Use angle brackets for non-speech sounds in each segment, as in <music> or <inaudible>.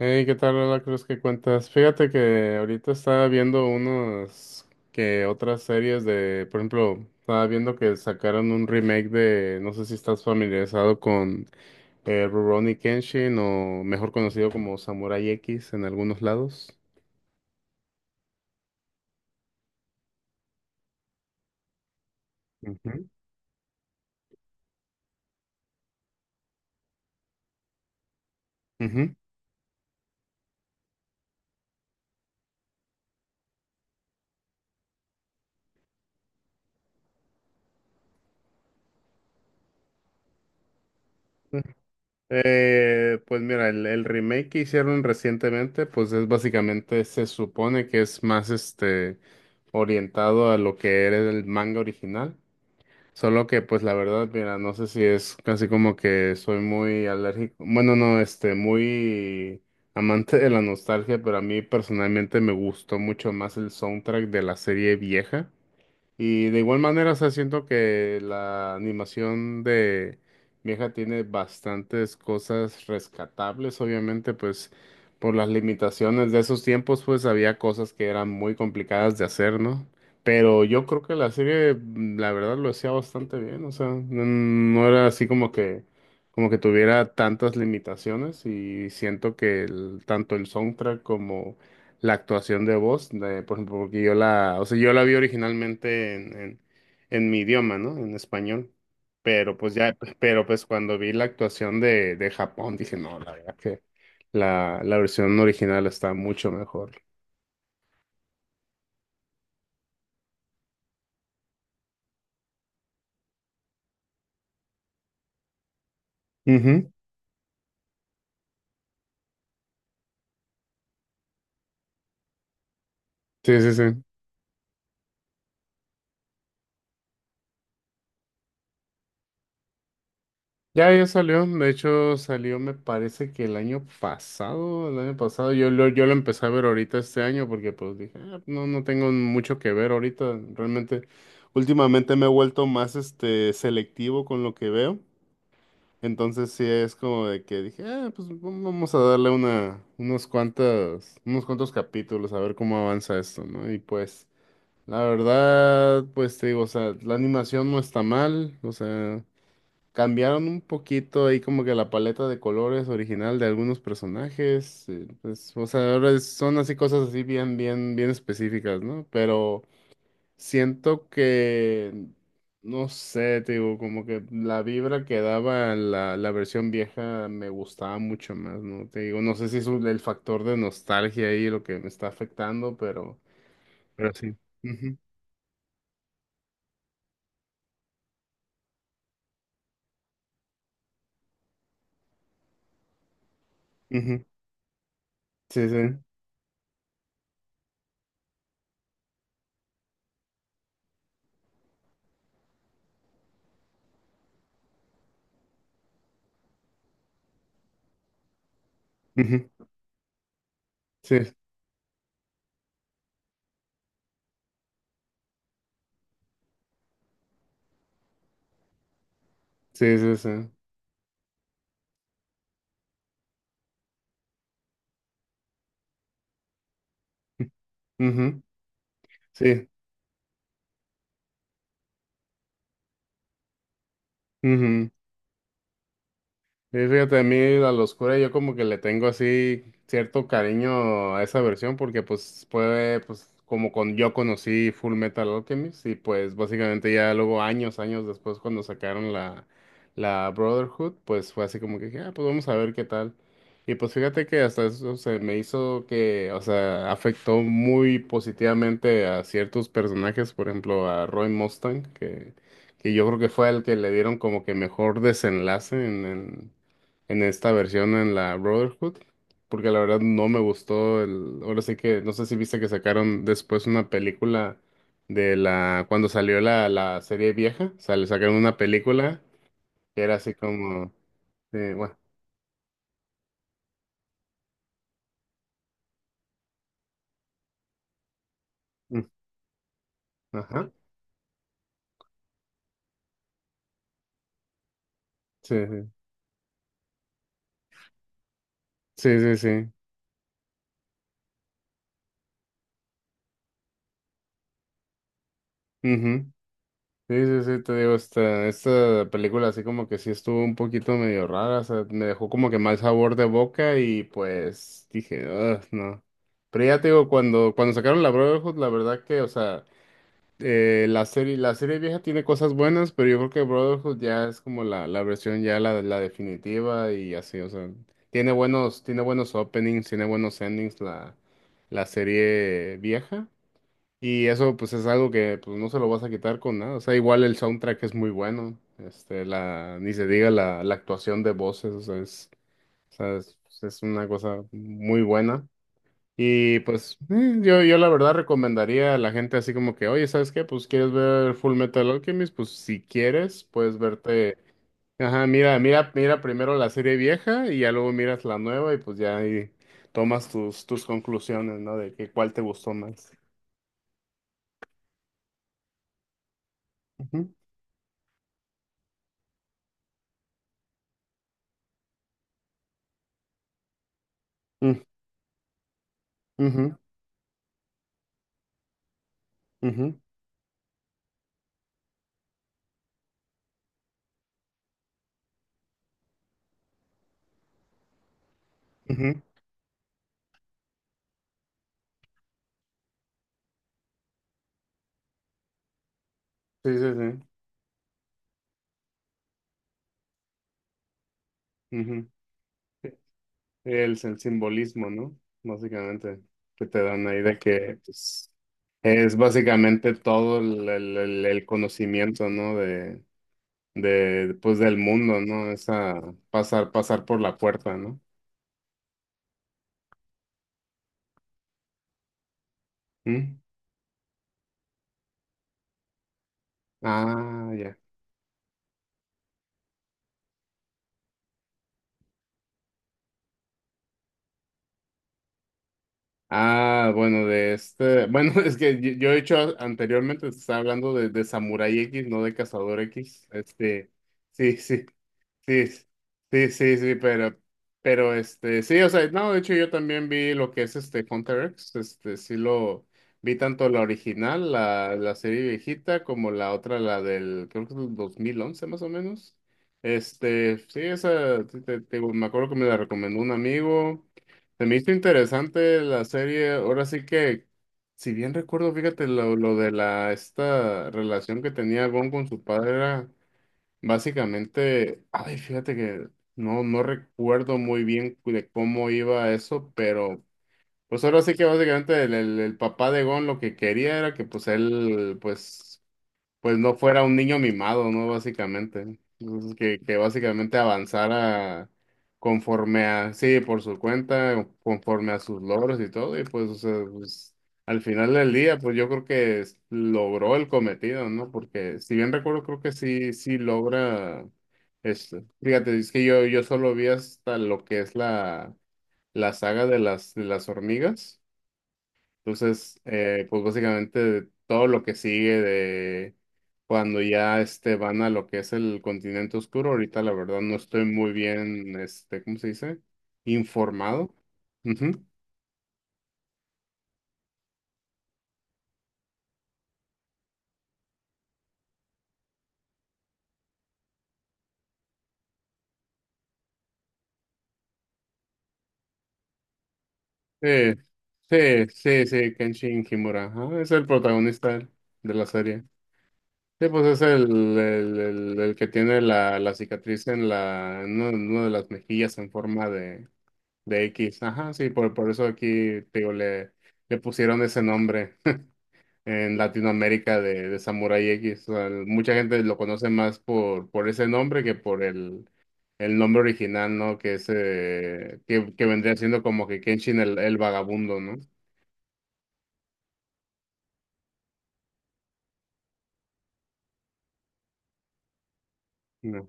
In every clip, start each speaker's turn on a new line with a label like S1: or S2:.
S1: Hey, ¿qué tal, Lola Cruz? ¿Qué cuentas? Fíjate que ahorita estaba viendo unos que otras series de, por ejemplo, estaba viendo que sacaron un remake de, no sé si estás familiarizado con Rurouni Kenshin o mejor conocido como Samurai X en algunos lados. Ujú, ujú. Pues mira, el remake que hicieron recientemente, pues es básicamente, se supone que es más orientado a lo que era el manga original. Solo que, pues la verdad, mira, no sé si es casi como que soy muy alérgico. Bueno, no, muy amante de la nostalgia, pero a mí personalmente me gustó mucho más el soundtrack de la serie vieja. Y de igual manera, o sea, siento que la animación de vieja tiene bastantes cosas rescatables, obviamente, pues por las limitaciones de esos tiempos, pues había cosas que eran muy complicadas de hacer, ¿no? Pero yo creo que la serie, la verdad, lo hacía bastante bien, o sea, no, no era así como que tuviera tantas limitaciones y siento que tanto el soundtrack como la actuación de voz, de, por ejemplo, porque yo la, o sea, yo la vi originalmente en mi idioma, ¿no? En español. Pero pues cuando vi la actuación de Japón, dije, no, la verdad que la versión original está mucho mejor. Ujú. Sí, sí, sí. Ya, ya salió. De hecho, salió, me parece que el año pasado, yo lo empecé a ver ahorita este año porque pues dije, "Ah, no, no tengo mucho que ver ahorita. Realmente, últimamente me he vuelto más selectivo con lo que veo. Entonces sí es como de que dije, ah, pues vamos a darle unos cuantos capítulos a ver cómo avanza esto, ¿no? Y pues, la verdad, pues te digo, o sea, la animación no está mal, o sea. Cambiaron un poquito ahí como que la paleta de colores original de algunos personajes, pues, o sea, ahora son así cosas así bien, bien, bien específicas, ¿no? Pero siento que, no sé, te digo, como que la vibra que daba la versión vieja me gustaba mucho más, ¿no? Te digo, no sé si es el factor de nostalgia ahí lo que me está afectando, pero sí. Ujú, ujú. Sí, sí. Ujú. Sí, sí, sí, sí. Ujú, sí. Ujú. Sí, fíjate, a mí La Loscura yo como que le tengo así cierto cariño a esa versión porque pues puede pues como con yo conocí Full Metal Alchemist y pues básicamente ya luego años, años después cuando sacaron la Brotherhood pues fue así como que dije, ah, pues vamos a ver qué tal. Y pues fíjate que hasta eso se me hizo que, o sea, afectó muy positivamente a ciertos personajes, por ejemplo a Roy Mustang, que yo creo que fue el que le dieron como que mejor desenlace en, en esta versión en la Brotherhood, porque la verdad no me gustó el, ahora sí que, no sé si viste que sacaron después una película de la, cuando salió la serie vieja, o sea, le sacaron una película que era así como, bueno, mm, ajá, sí, sí, sí, sí, sí, ujú. Sí, sí, sí, te digo, esta película así como que sí estuvo un poquito medio rara, o sea, me dejó como que mal sabor de boca y pues dije, "Ugh, no. Pero ya te digo, cuando sacaron la Brotherhood, la verdad que, o sea, la serie vieja tiene cosas buenas, pero yo creo que Brotherhood ya es como la versión ya la definitiva y así, o sea, tiene buenos openings, tiene buenos endings la serie vieja. Y eso pues es algo que pues no se lo vas a quitar con nada. O sea, igual el soundtrack es muy bueno. Ni se diga la actuación de voces, o sea, o sea, es una cosa muy buena. Y pues yo la verdad recomendaría a la gente así como que, oye, ¿sabes qué? Pues quieres ver Full Metal Alchemist, pues si quieres, puedes verte, ajá, mira, mira, mira primero la serie vieja y ya luego miras la nueva y pues ya ahí tomas tus conclusiones, ¿no? De que cuál te gustó más. Ujú. Mm, ujú. Ujú, ujú. Sí, sí, sí. Ujú. El simbolismo, ¿no? Básicamente, que te dan ahí de que pues, es básicamente todo el conocimiento, ¿no? Pues, del mundo, ¿no? Esa pasar, pasar por la puerta, ¿no? ¿Mm? Ah, ya. Ah, bueno, de este. Bueno, <laughs> es que yo he hecho anteriormente, te estaba hablando de Samurai X, no de Cazador X. Sí, sí, sí, sí, sí, sí, pero sí, o sea, no, de hecho yo también vi lo que es este Hunter X, sí lo vi tanto la original, la serie viejita, como la otra, la del, creo que es del 2011 más o menos. Sí, esa, te digo, me acuerdo que me la recomendó un amigo. Se me hizo interesante la serie. Ahora sí que, si bien recuerdo, fíjate, lo de la esta relación que tenía Gon con su padre era básicamente, ay, fíjate que no, no recuerdo muy bien de cómo iba eso, pero pues ahora sí que básicamente el papá de Gon lo que quería era que pues él pues no fuera un niño mimado, ¿no? Básicamente. Entonces, que básicamente avanzara conforme a, sí, por su cuenta, conforme a sus logros y todo, y pues, o sea, pues, al final del día, pues yo creo que logró el cometido, ¿no? Porque si bien recuerdo, creo que sí, sí logra esto. Fíjate, es que yo solo vi hasta lo que es la saga de las hormigas. Entonces, pues básicamente todo lo que sigue de cuando ya van a lo que es el continente oscuro, ahorita la verdad no estoy muy bien, ¿cómo se dice? Informado. Ujú. Sí, sí, sí, sí, Kenshin Himura, ajá, es el protagonista de la serie. Sí, pues es el que tiene la cicatriz en una de las mejillas en forma de X. Ajá, sí, por eso aquí, te digo, le pusieron ese nombre en Latinoamérica de Samurai X. O sea, mucha gente lo conoce más por ese nombre que por el nombre original, ¿no? Que es, que vendría siendo como que Kenshin el vagabundo, ¿no? No.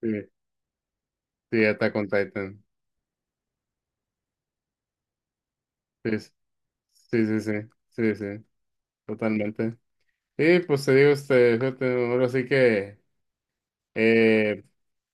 S1: Sí, sí, Attack on Titan. Sí, sí, sí, sí, sí, sí, totalmente. Y pues te digo, fíjate, ahora sí que eh,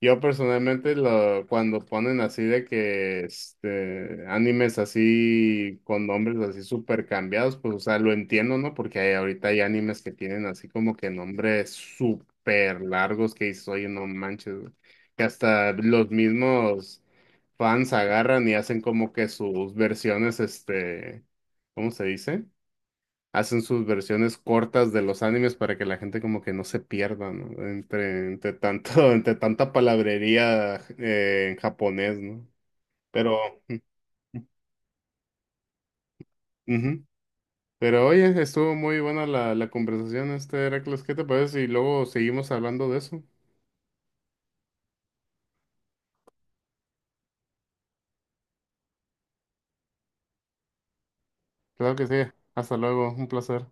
S1: Cuando ponen así de que este animes así con nombres así súper cambiados, pues o sea, lo entiendo, ¿no? Porque ahorita hay animes que tienen así como que nombres súper largos que dices, oye, no manches, güey". Que hasta los mismos fans agarran y hacen como que sus versiones, ¿cómo se dice? Hacen sus versiones cortas de los animes para que la gente como que no se pierda, ¿no? Entre tanto, <laughs> entre tanta palabrería en japonés, ¿no? Pero, Ujú. Pero oye, estuvo muy buena la conversación, este Heracles, ¿qué te parece? Y luego seguimos hablando de eso. Claro que sí. Hasta luego, un placer.